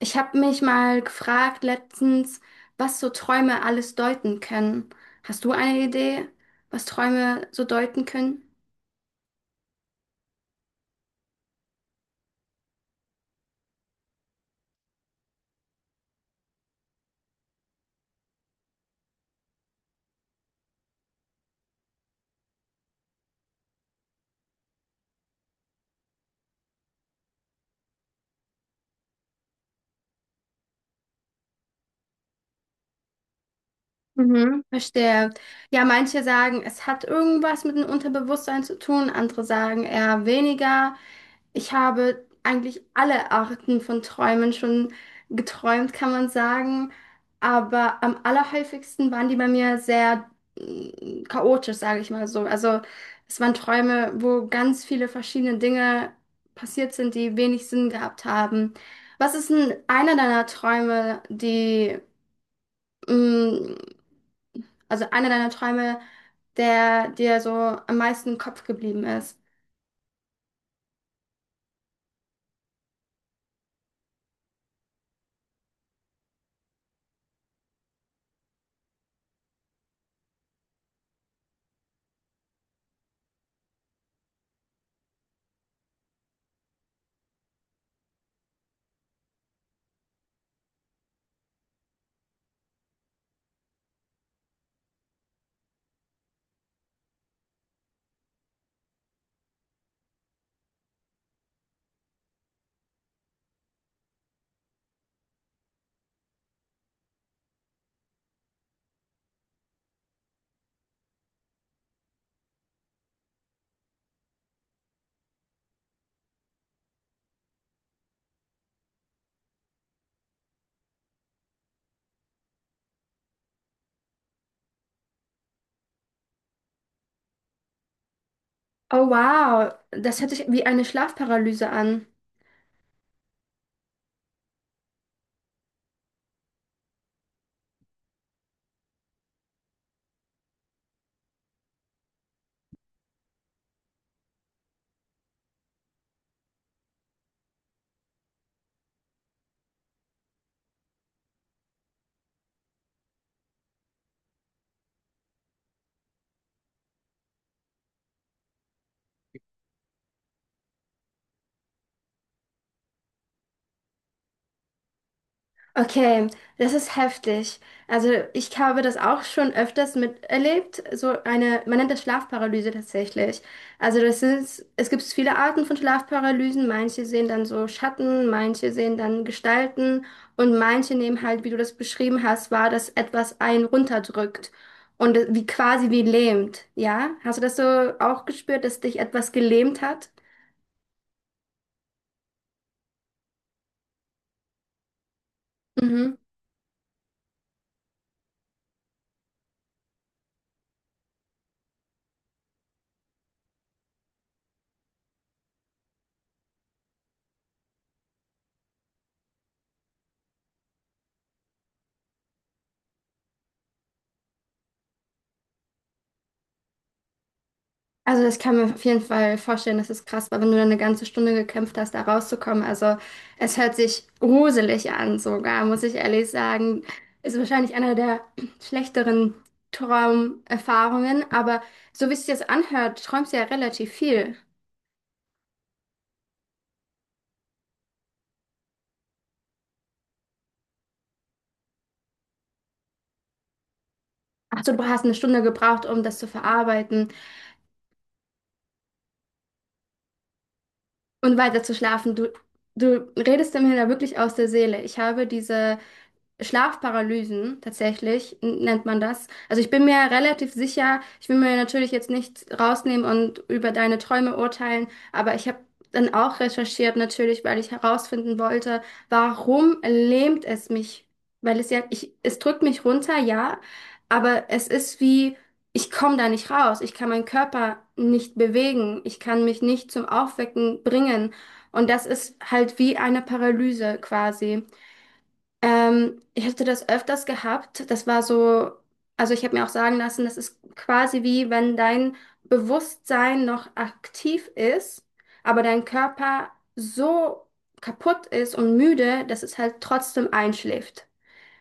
Ich habe mich mal gefragt letztens, was so Träume alles deuten können. Hast du eine Idee, was Träume so deuten können? Mhm, verstehe. Ja, manche sagen, es hat irgendwas mit dem Unterbewusstsein zu tun, andere sagen eher weniger. Ich habe eigentlich alle Arten von Träumen schon geträumt, kann man sagen. Aber am allerhäufigsten waren die bei mir sehr chaotisch, sage ich mal so. Also es waren Träume, wo ganz viele verschiedene Dinge passiert sind, die wenig Sinn gehabt haben. Was ist denn einer deiner Träume, die mm, also einer deiner Träume, der dir so am meisten im Kopf geblieben ist? Oh wow, das hört sich wie eine Schlafparalyse an. Okay, das ist heftig. Also ich habe das auch schon öfters miterlebt. So eine, man nennt das Schlafparalyse tatsächlich. Also das ist, es gibt viele Arten von Schlafparalysen. Manche sehen dann so Schatten, manche sehen dann Gestalten und manche nehmen halt, wie du das beschrieben hast, wahr, dass etwas einen runterdrückt und wie quasi wie lähmt. Ja? Hast du das so auch gespürt, dass dich etwas gelähmt hat? Mhm. Also das kann man auf jeden Fall vorstellen, das ist krass, weil wenn du dann eine ganze Stunde gekämpft hast, da rauszukommen. Also es hört sich gruselig an sogar, muss ich ehrlich sagen. Ist wahrscheinlich einer der schlechteren Traumerfahrungen, aber so wie es sich jetzt anhört, träumst du ja relativ viel. Ach so, du hast eine Stunde gebraucht, um das zu verarbeiten. Und weiter zu schlafen. Du redest mir da wirklich aus der Seele. Ich habe diese Schlafparalysen, tatsächlich, nennt man das. Also ich bin mir relativ sicher, ich will mir natürlich jetzt nicht rausnehmen und über deine Träume urteilen, aber ich habe dann auch recherchiert natürlich, weil ich herausfinden wollte, warum lähmt es mich? Weil es ja, ich, es drückt mich runter, ja, aber es ist wie, ich komme da nicht raus. Ich kann meinen Körper nicht bewegen. Ich kann mich nicht zum Aufwecken bringen. Und das ist halt wie eine Paralyse quasi. Ich hatte das öfters gehabt. Das war so, also ich habe mir auch sagen lassen, das ist quasi wie wenn dein Bewusstsein noch aktiv ist, aber dein Körper so kaputt ist und müde, dass es halt trotzdem einschläft.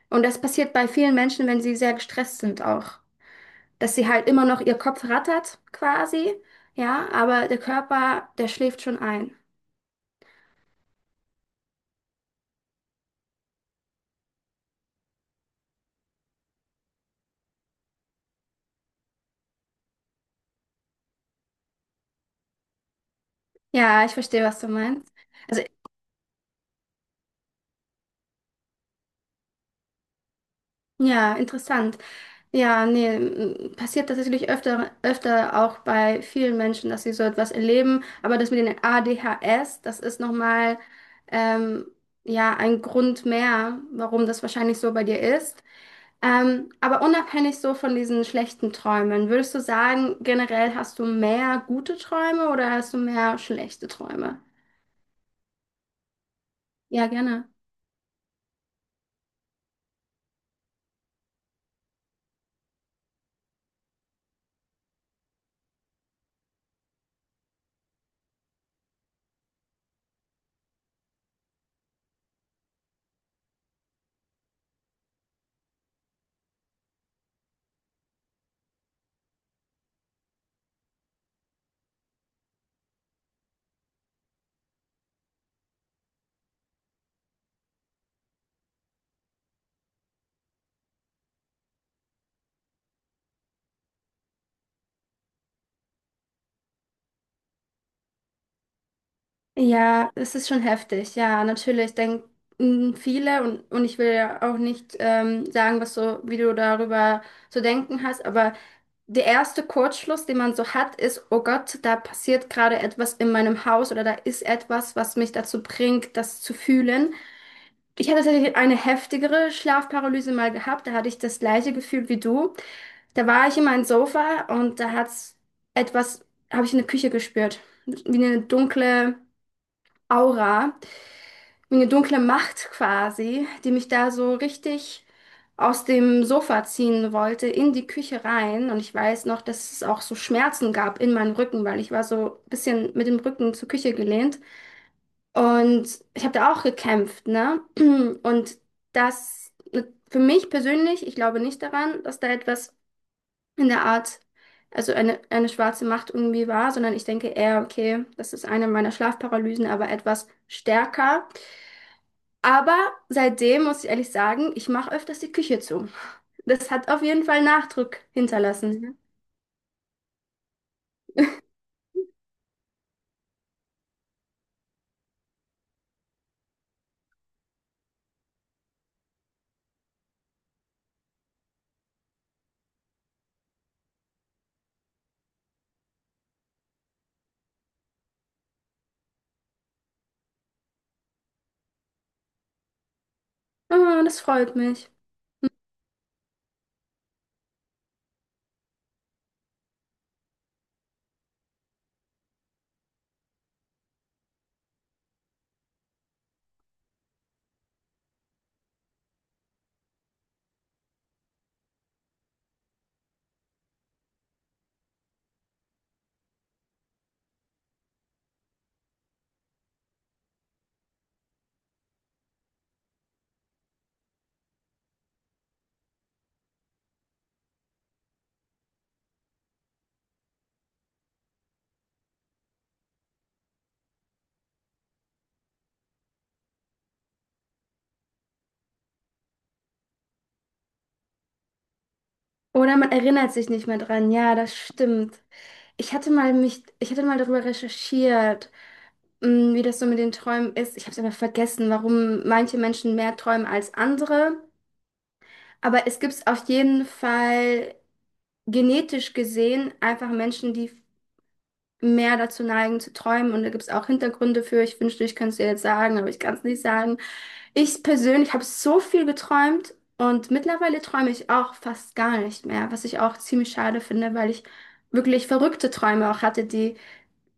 Und das passiert bei vielen Menschen, wenn sie sehr gestresst sind auch, dass sie halt immer noch ihr Kopf rattert quasi, ja, aber der Körper, der schläft schon ein. Ja, ich verstehe, was du meinst. Also, ja, interessant. Ja, nee, passiert tatsächlich öfter, öfter auch bei vielen Menschen, dass sie so etwas erleben. Aber das mit den ADHS, das ist nochmal, ähm, ja, ein Grund mehr, warum das wahrscheinlich so bei dir ist. Aber unabhängig so von diesen schlechten Träumen, würdest du sagen, generell hast du mehr gute Träume oder hast du mehr schlechte Träume? Ja, gerne. Ja, es ist schon heftig. Ja, natürlich denken viele und, ich will ja auch nicht sagen, was so, wie du darüber zu denken hast, aber der erste Kurzschluss, den man so hat, ist, oh Gott, da passiert gerade etwas in meinem Haus oder da ist etwas, was mich dazu bringt, das zu fühlen. Ich hatte tatsächlich eine heftigere Schlafparalyse mal gehabt. Da hatte ich das gleiche Gefühl wie du. Da war ich in meinem Sofa und da hat's etwas, habe ich in der Küche gespürt. Wie eine dunkle Aura, wie eine dunkle Macht quasi, die mich da so richtig aus dem Sofa ziehen wollte, in die Küche rein. Und ich weiß noch, dass es auch so Schmerzen gab in meinem Rücken, weil ich war so ein bisschen mit dem Rücken zur Küche gelehnt. Und ich habe da auch gekämpft, ne? Und das, für mich persönlich, ich glaube nicht daran, dass da etwas in der Art, also eine schwarze Macht irgendwie war, sondern ich denke eher, okay, das ist eine meiner Schlafparalysen, aber etwas stärker. Aber seitdem muss ich ehrlich sagen, ich mache öfters die Küche zu. Das hat auf jeden Fall Nachdruck hinterlassen. Ah, das freut mich. Oder man erinnert sich nicht mehr dran. Ja, das stimmt. Ich hatte mal darüber recherchiert. Wie das so mit den Träumen ist, ich habe es aber vergessen, warum manche Menschen mehr träumen als andere. Aber es gibt auf jeden Fall genetisch gesehen einfach Menschen, die mehr dazu neigen zu träumen. Und da gibt es auch Hintergründe für. Ich wünschte, ich könnte es dir jetzt sagen, aber ich kann es nicht sagen. Ich persönlich habe so viel geträumt und mittlerweile träume ich auch fast gar nicht mehr, was ich auch ziemlich schade finde, weil ich wirklich verrückte Träume auch hatte, die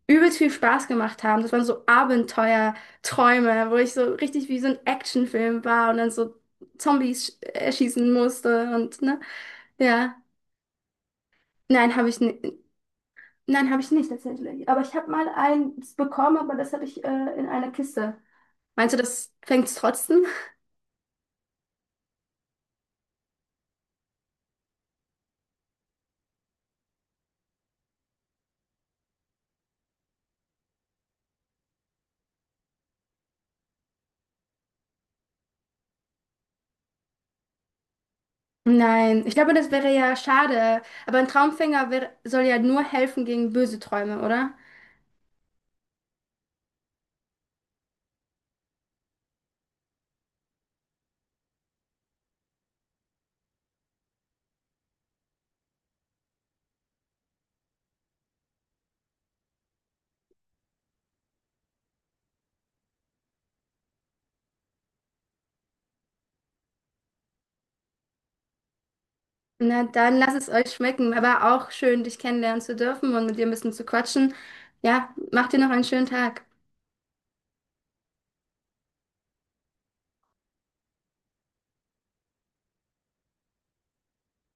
übelst viel Spaß gemacht haben. Das waren so Abenteuerträume, wo ich so richtig wie so ein Actionfilm war und dann so Zombies erschießen musste und ne. Ja. Nein, habe ich nicht. Nein, habe ich nicht tatsächlich. Aber ich habe mal eins bekommen, aber das hatte ich in einer Kiste. Meinst du, das fängt's trotzdem? Nein, ich glaube, das wäre ja schade. Aber ein Traumfänger wär, soll ja nur helfen gegen böse Träume, oder? Na, dann lasst es euch schmecken. Aber auch schön, dich kennenlernen zu dürfen und mit dir ein bisschen zu quatschen. Ja, macht dir noch einen schönen Tag.